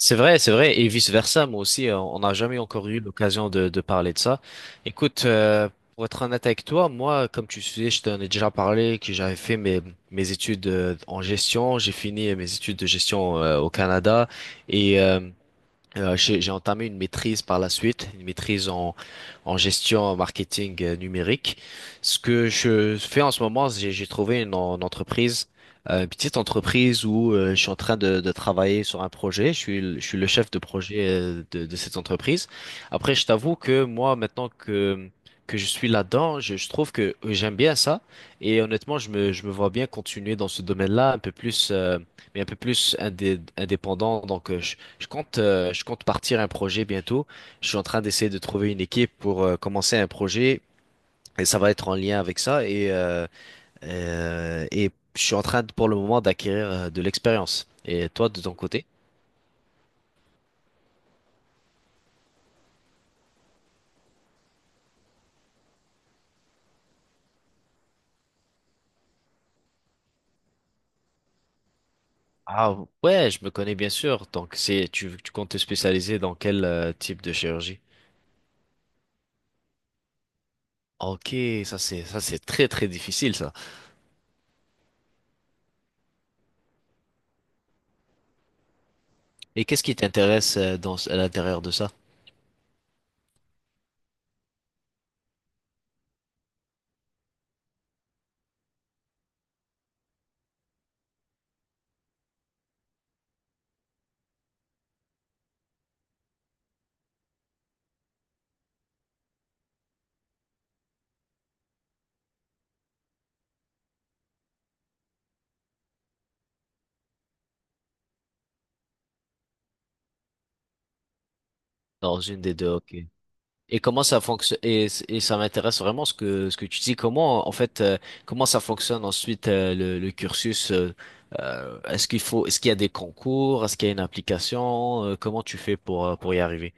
C'est vrai, et vice-versa, moi aussi, on n'a jamais encore eu l'occasion de parler de ça. Écoute, pour être honnête avec toi, moi, comme tu sais, je t'en ai déjà parlé, que j'avais fait mes études en gestion, j'ai fini mes études de gestion au Canada, et j'ai entamé une maîtrise par la suite, une maîtrise en gestion marketing numérique. Ce que je fais en ce moment, j'ai trouvé une entreprise, une petite entreprise où je suis en train de travailler sur un projet. Je suis le chef de projet de cette entreprise. Après, je t'avoue que moi, maintenant que je suis là-dedans, je trouve que j'aime bien ça. Et honnêtement, je me vois bien continuer dans ce domaine-là, un peu plus, mais un peu plus indépendant. Donc, je compte partir un projet bientôt. Je suis en train d'essayer de trouver une équipe pour commencer un projet et ça va être en lien avec ça. Et je suis en train pour le moment d'acquérir de l'expérience. Et toi, de ton côté? Ah ouais, je me connais bien sûr. Donc c'est, tu comptes te spécialiser dans quel type de chirurgie? Ok, ça c'est très très difficile ça. Et qu'est-ce qui t'intéresse dans à l'intérieur de ça? Dans une des deux, ok. Et comment ça fonctionne et ça m'intéresse vraiment ce que tu dis. Comment en fait comment ça fonctionne ensuite le cursus est-ce qu'il y a des concours, est-ce qu'il y a une application, comment tu fais pour y arriver?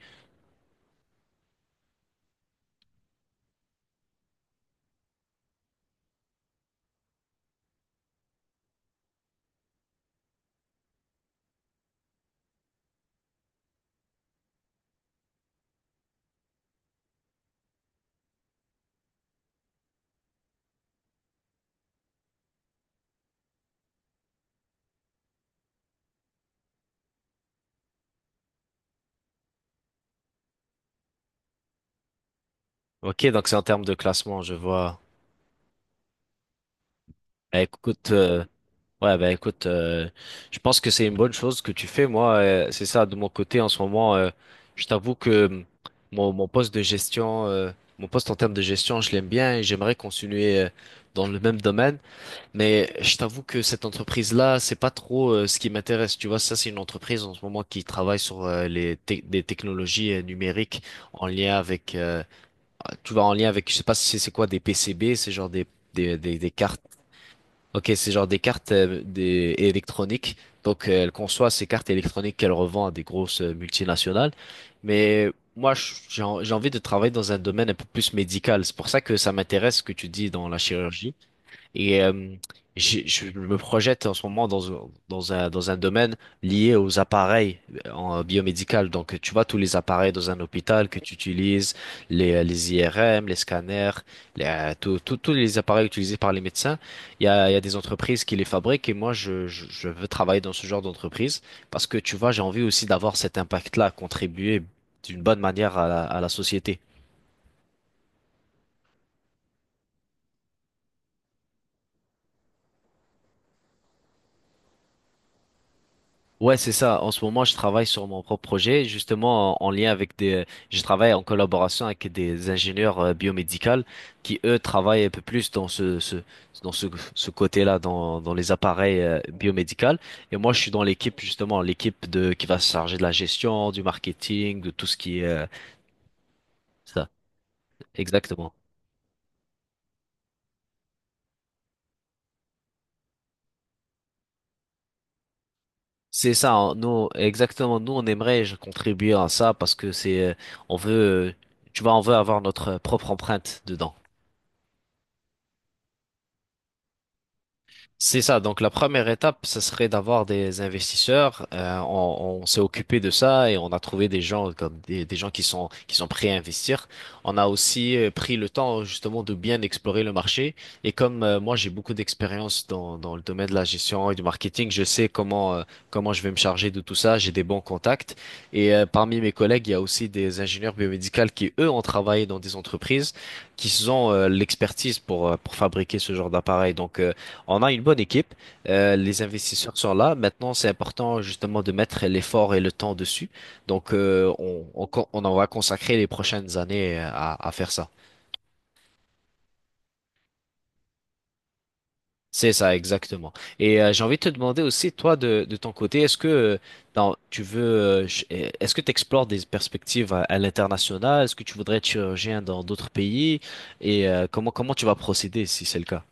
Ok, donc c'est en termes de classement, je vois. Écoute, ouais, bah écoute, je pense que c'est une bonne chose que tu fais. Moi, c'est ça, de mon côté, en ce moment, je t'avoue que mon poste de gestion, mon poste en termes de gestion, je l'aime bien et j'aimerais continuer dans le même domaine. Mais je t'avoue que cette entreprise-là, c'est pas trop ce qui m'intéresse. Tu vois, ça, c'est une entreprise en ce moment qui travaille sur des technologies numériques en lien avec, tu vois, en lien avec, je sais pas si c'est quoi, des PCB, c'est genre des cartes. Ok, c'est genre des cartes électroniques. Donc, elle conçoit ces cartes électroniques qu'elle revend à des grosses multinationales. Mais moi, j'ai j'ai envie de travailler dans un domaine un peu plus médical. C'est pour ça que ça m'intéresse ce que tu dis dans la chirurgie. Et je me projette en ce moment dans un domaine lié aux appareils en biomédical. Donc, tu vois, tous les appareils dans un hôpital que tu utilises, les IRM, les scanners, tous les appareils utilisés par les médecins, il y a des entreprises qui les fabriquent et moi, je veux travailler dans ce genre d'entreprise parce que, tu vois, j'ai envie aussi d'avoir cet impact-là, contribuer d'une bonne manière à la société. Ouais, c'est ça. En ce moment, je travaille sur mon propre projet, justement en lien avec des. Je travaille en collaboration avec des ingénieurs biomédicaux qui, eux, travaillent un peu plus dans dans ce, ce côté-là, dans les appareils biomédicaux. Et moi, je suis dans l'équipe justement, l'équipe de qui va se charger de la gestion, du marketing, de tout ce qui est ça. Exactement. C'est ça. Hein. Nous, exactement. Nous, on aimerait je, contribuer à ça parce que c'est, on veut, euh, tu vois, on veut avoir notre propre empreinte dedans. C'est ça. Donc la première étape, ce serait d'avoir des investisseurs. On s'est occupé de ça et on a trouvé des gens comme des gens qui sont prêts à investir. On a aussi pris le temps justement de bien explorer le marché. Et comme moi j'ai beaucoup d'expérience dans le domaine de la gestion et du marketing, je sais comment comment je vais me charger de tout ça. J'ai des bons contacts. Et parmi mes collègues, il y a aussi des ingénieurs biomédicaux qui eux ont travaillé dans des entreprises qui ont l'expertise pour fabriquer ce genre d'appareil. Donc on a une bonne équipe, les investisseurs sont là. Maintenant, c'est important justement de mettre l'effort et le temps dessus. Donc, on en va consacrer les prochaines années à faire ça. C'est ça, exactement. Et j'ai envie de te demander aussi, toi, de ton côté, est-ce que est-ce que tu explores des perspectives à l'international? Est-ce que tu voudrais être chirurgien dans d'autres pays? Et comment tu vas procéder si c'est le cas?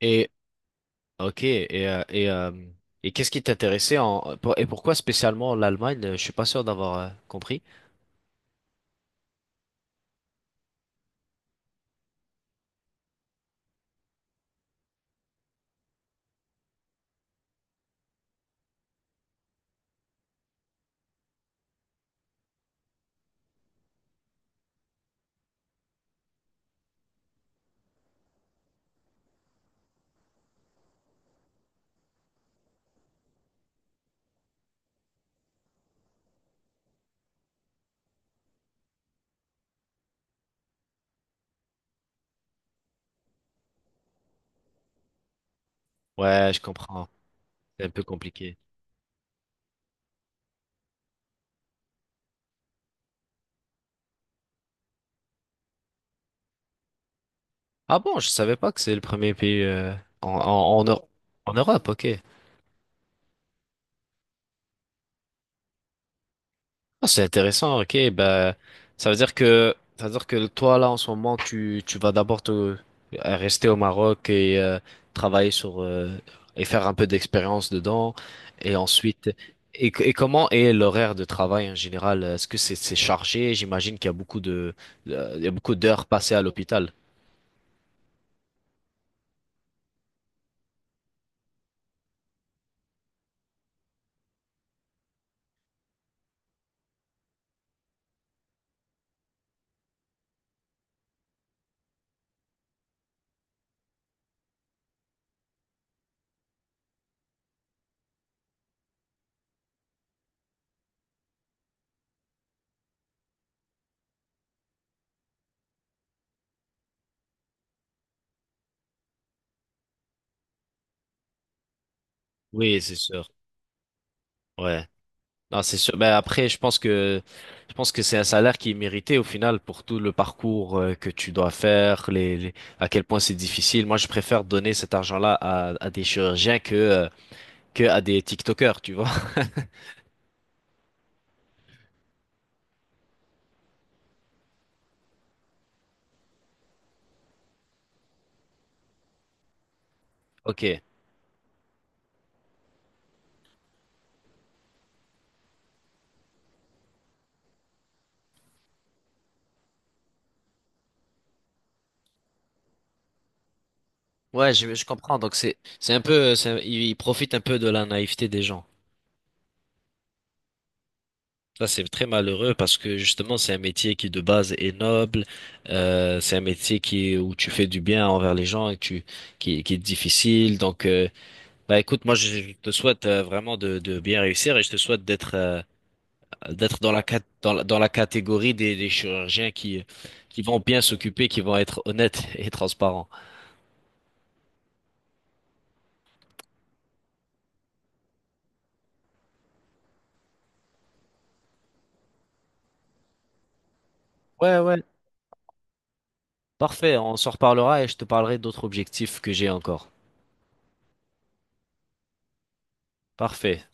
Et ok, et euh, et, euh, et qu'est-ce qui t'intéressait en pour- et pourquoi spécialement l'Allemagne? Je suis pas sûr d'avoir compris. Ouais, je comprends. C'est un peu compliqué. Ah bon, je savais pas que c'est le premier pays en en en, Eu- en Europe. Ok. Ah, c'est intéressant, ok. Ben, ça veut dire que, ça veut dire que toi, là, en ce moment, tu vas d'abord rester au Maroc et travailler sur, et faire un peu d'expérience dedans. Et ensuite, et comment est l'horaire de travail en général? Est-ce que c'est chargé? J'imagine qu'il y a beaucoup de, il y a beaucoup d'heures passées à l'hôpital. Oui, c'est sûr. Ouais. Non, c'est sûr. Ben après, je pense que c'est un salaire qui est mérité au final pour tout le parcours que tu dois faire, à quel point c'est difficile. Moi, je préfère donner cet argent-là à des chirurgiens que à des TikTokers, tu vois. Ok. Ouais, je comprends. Donc c'est ils profitent un peu de la naïveté des gens. Ça, c'est très malheureux parce que justement, c'est un métier qui de base est noble. C'est un métier qui où tu fais du bien envers les gens et tu qui est difficile. Donc bah écoute, moi je te souhaite vraiment de bien réussir et je te souhaite d'être d'être dans la, cat- dans la catégorie des chirurgiens qui vont bien s'occuper, qui vont être honnêtes et transparents. Ouais, ouais. Parfait, on s'en reparlera et je te parlerai d'autres objectifs que j'ai encore. Parfait.